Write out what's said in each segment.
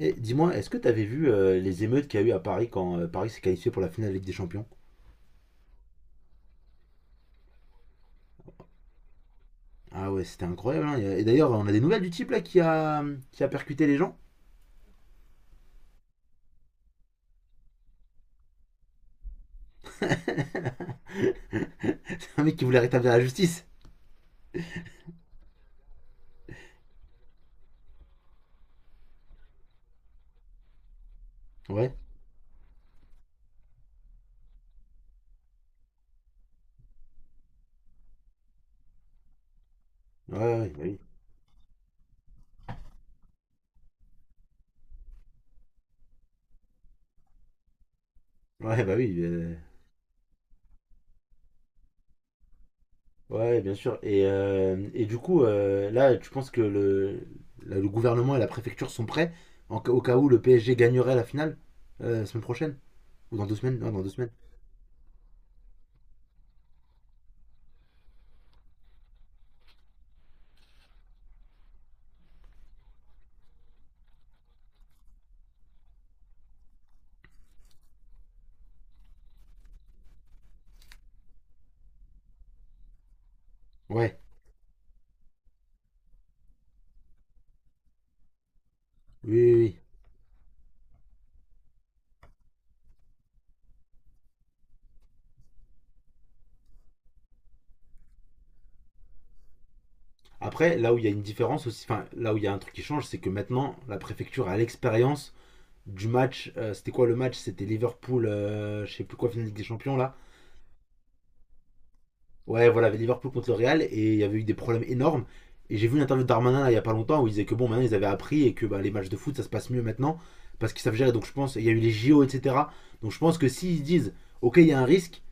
Et dis-moi, est-ce que tu avais vu les émeutes qu'il y a eu à Paris quand Paris s'est qualifié pour la finale de Ligue des Champions? Ah ouais, c'était incroyable, hein. Et d'ailleurs, on a des nouvelles du type là qui a percuté les gens. C'est un mec qui voulait rétablir la justice. Ouais, ouais, ouais, bah oui. Ouais, bah oui. Ouais, bien sûr. Et du coup, là, tu penses que là, le gouvernement et la préfecture sont prêts au cas où le PSG gagnerait la finale la semaine prochaine? Ou dans deux semaines? Non, dans deux semaines. Ouais. Oui, oui, oui. Après, là où il y a une différence aussi, enfin là où il y a un truc qui change, c'est que maintenant la préfecture a l'expérience du match. C'était quoi le match? C'était Liverpool, je sais plus quoi, finale Ligue des Champions là. Ouais, voilà, Liverpool contre le Real et il y avait eu des problèmes énormes. Et j'ai vu une interview de Darmanin là, il y a pas longtemps où il disait que bon, maintenant ils avaient appris et que bah, les matchs de foot ça se passe mieux maintenant parce qu'ils savent gérer. Donc je pense, il y a eu les JO, etc. Donc je pense que s'ils disent ok, il y a un risque,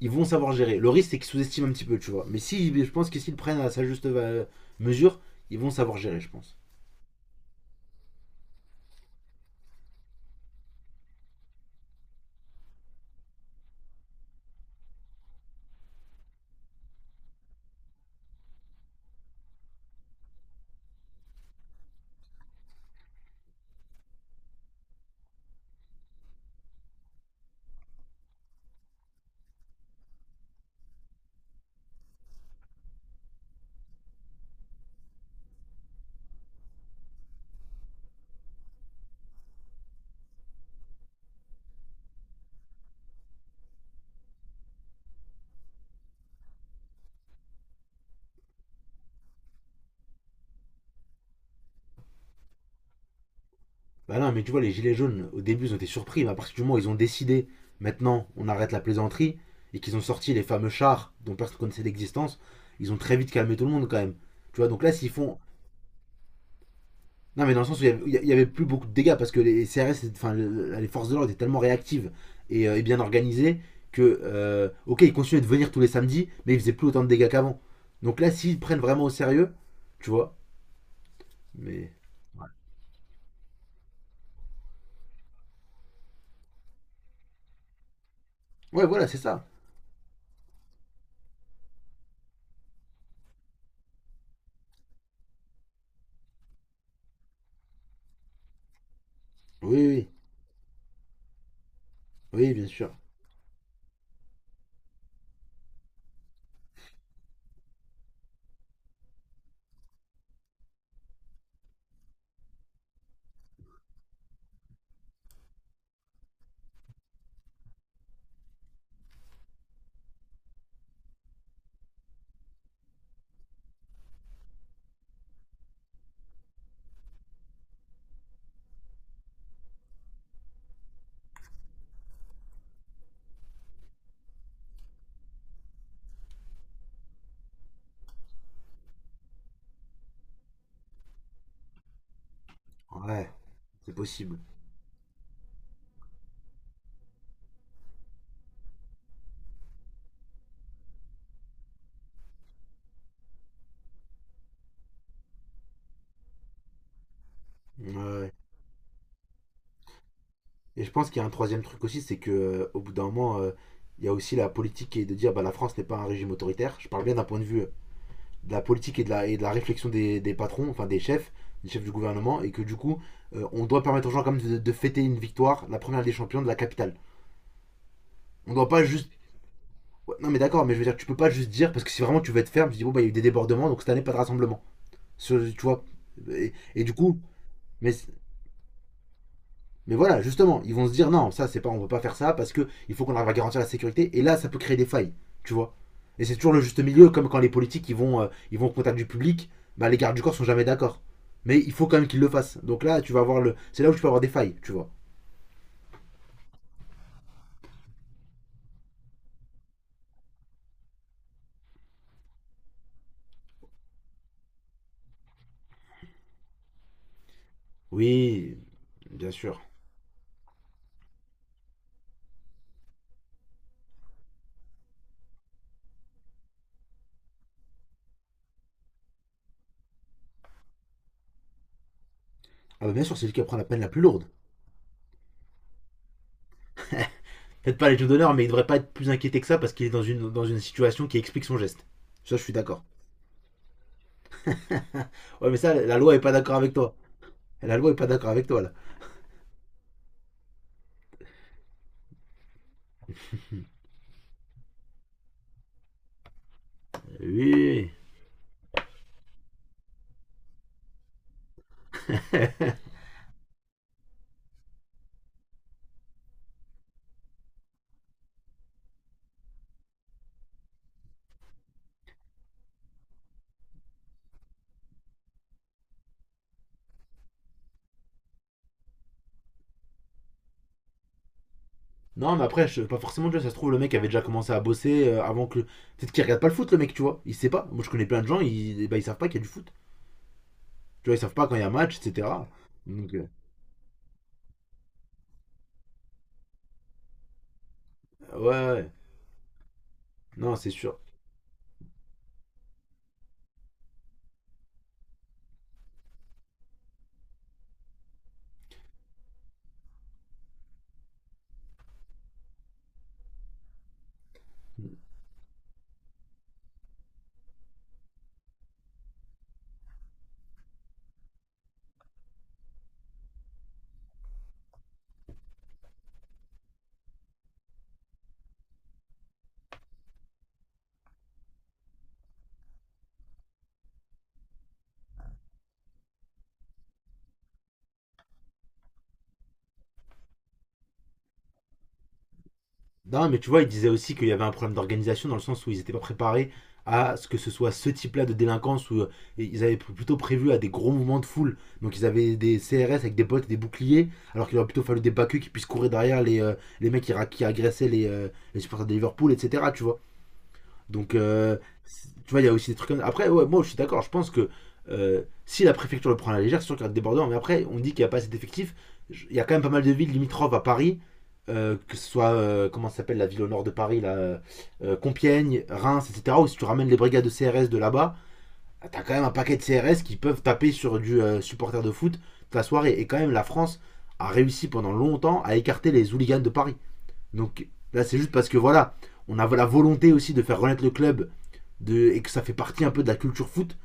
ils vont savoir gérer. Le risque c'est qu'ils sous-estiment un petit peu, tu vois. Mais si, je pense que s'ils prennent à sa juste mesure, ils vont savoir gérer, je pense. Bah non, mais tu vois, les gilets jaunes, au début, ils ont été surpris, mais à partir du moment où ils ont décidé, maintenant, on arrête la plaisanterie, et qu'ils ont sorti les fameux chars dont personne ne connaissait l'existence, ils ont très vite calmé tout le monde quand même. Tu vois, donc là, s'ils font. Non, mais dans le sens où il y avait plus beaucoup de dégâts, parce que les CRS, enfin, les forces de l'ordre étaient tellement réactives et bien organisées que, ok, ils continuaient de venir tous les samedis, mais ils faisaient plus autant de dégâts qu'avant. Donc là, s'ils prennent vraiment au sérieux, tu vois, mais. Ouais, ouais, voilà, c'est ça. Oui, oui, oui, oui, bien sûr. Ouais, c'est possible. Ouais, ouais. Et je pense qu'il y a un troisième truc aussi, c'est que au bout d'un moment, il y a aussi la politique qui est de dire bah la France n'est pas un régime autoritaire. Je parle bien d'un point de vue de la politique et de et de la réflexion des patrons, enfin des chefs du gouvernement, et que du coup, on doit permettre aux gens quand même de fêter une victoire, la première des champions de la capitale. On doit pas juste. Ouais, non mais d'accord, mais je veux dire, tu peux pas juste dire parce que si vraiment tu veux être ferme, tu dis bon bah il y a eu des débordements, donc cette année pas de rassemblement. Tu vois. Et du coup, mais mais voilà, justement, ils vont se dire non, ça c'est pas, on peut pas faire ça parce que il faut qu'on arrive à garantir la sécurité. Et là, ça peut créer des failles, tu vois. Et c'est toujours le juste milieu, comme quand les politiques ils vont au contact du public, bah les gardes du corps sont jamais d'accord. Mais il faut quand même qu'ils le fassent. Donc là, tu vas avoir le, c'est là où tu peux avoir des failles, tu vois. Oui, bien sûr. Ah bah bien sûr, c'est lui qui prend la peine la plus lourde. Peut-être pas les Légion d'honneur, mais il devrait pas être plus inquiété que ça parce qu'il est dans une situation qui explique son geste. Ça, je suis d'accord. Ouais, mais ça, la loi est pas d'accord avec toi. La loi est pas d'accord avec toi là. Oui. Non, mais après, je, pas forcément, tu vois, ça se trouve, le mec avait déjà commencé à bosser avant que. Peut-être qu'il regarde pas le foot, le mec, tu vois. Il sait pas. Moi, je connais plein de gens, ils, bah ils savent pas qu'il y a du foot. Tu vois, ils savent pas quand il y a match, etc. Donc, ouais, ouais. Non, c'est sûr. Non, mais tu vois, il disait aussi qu'il y avait un problème d'organisation dans le sens où ils étaient pas préparés à ce que ce soit ce type-là de délinquance où ils avaient plutôt prévu à des gros mouvements de foule. Donc, ils avaient des CRS avec des bottes et des boucliers, alors qu'il aurait plutôt fallu des backeux qui puissent courir derrière les mecs qui, qui agressaient les supporters de Liverpool, etc. Tu vois. Donc, tu vois, il y a aussi des trucs comme ça. Après, ouais, moi, je suis d'accord. Je pense que si la préfecture le prend à la légère, c'est sûr qu'il y a des débordements. Mais après, on dit qu'il n'y a pas assez d'effectifs. Il y a quand même pas mal de villes limitrophes à Paris. Que ce soit, comment ça s'appelle la ville au nord de Paris, là, Compiègne, Reims, etc. Où si tu ramènes les brigades de CRS de là-bas, t'as quand même un paquet de CRS qui peuvent taper sur du supporter de foot toute la soirée. Et quand même, la France a réussi pendant longtemps à écarter les hooligans de Paris. Donc là, c'est juste parce que voilà, on a la volonté aussi de faire renaître le club de, et que ça fait partie un peu de la culture foot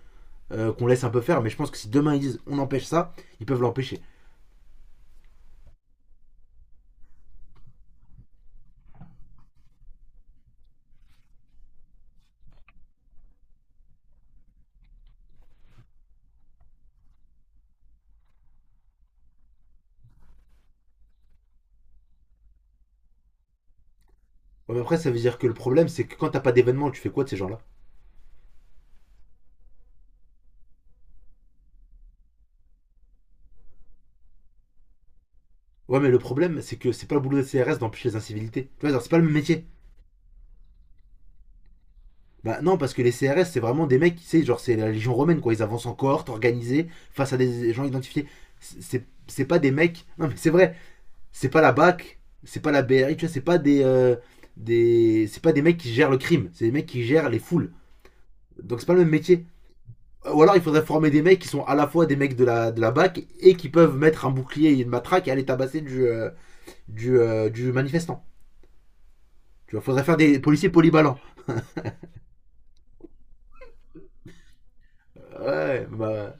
qu'on laisse un peu faire. Mais je pense que si demain ils disent on empêche ça, ils peuvent l'empêcher. Ouais, mais après, ça veut dire que le problème, c'est que quand t'as pas d'événement, tu fais quoi de ces gens-là? Ouais, mais le problème, c'est que c'est pas le boulot des CRS d'empêcher les incivilités. Tu vois, genre, c'est pas le même métier. Bah non, parce que les CRS, c'est vraiment des mecs, tu sais, genre, c'est la légion romaine, quoi. Ils avancent en cohorte, organisés, face à des gens identifiés. C'est pas des mecs. Non, mais c'est vrai. C'est pas la BAC, c'est pas la BRI, tu vois, c'est pas des. Des... C'est pas des mecs qui gèrent le crime, c'est des mecs qui gèrent les foules. Donc c'est pas le même métier. Ou alors il faudrait former des mecs qui sont à la fois des mecs de de la BAC et qui peuvent mettre un bouclier et une matraque et aller tabasser du manifestant. Tu vois, faudrait faire des policiers polyballants. Ouais, bah,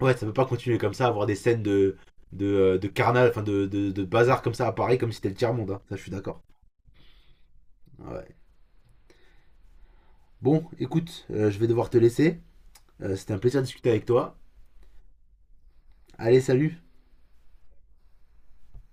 ouais, ça peut pas continuer comme ça, avoir des scènes de carnal, enfin de bazar comme ça à Paris, comme si c'était le tiers-monde, hein. Ça, je suis d'accord. Ouais. Bon, écoute, je vais devoir te laisser. C'était un plaisir de discuter avec toi. Allez, salut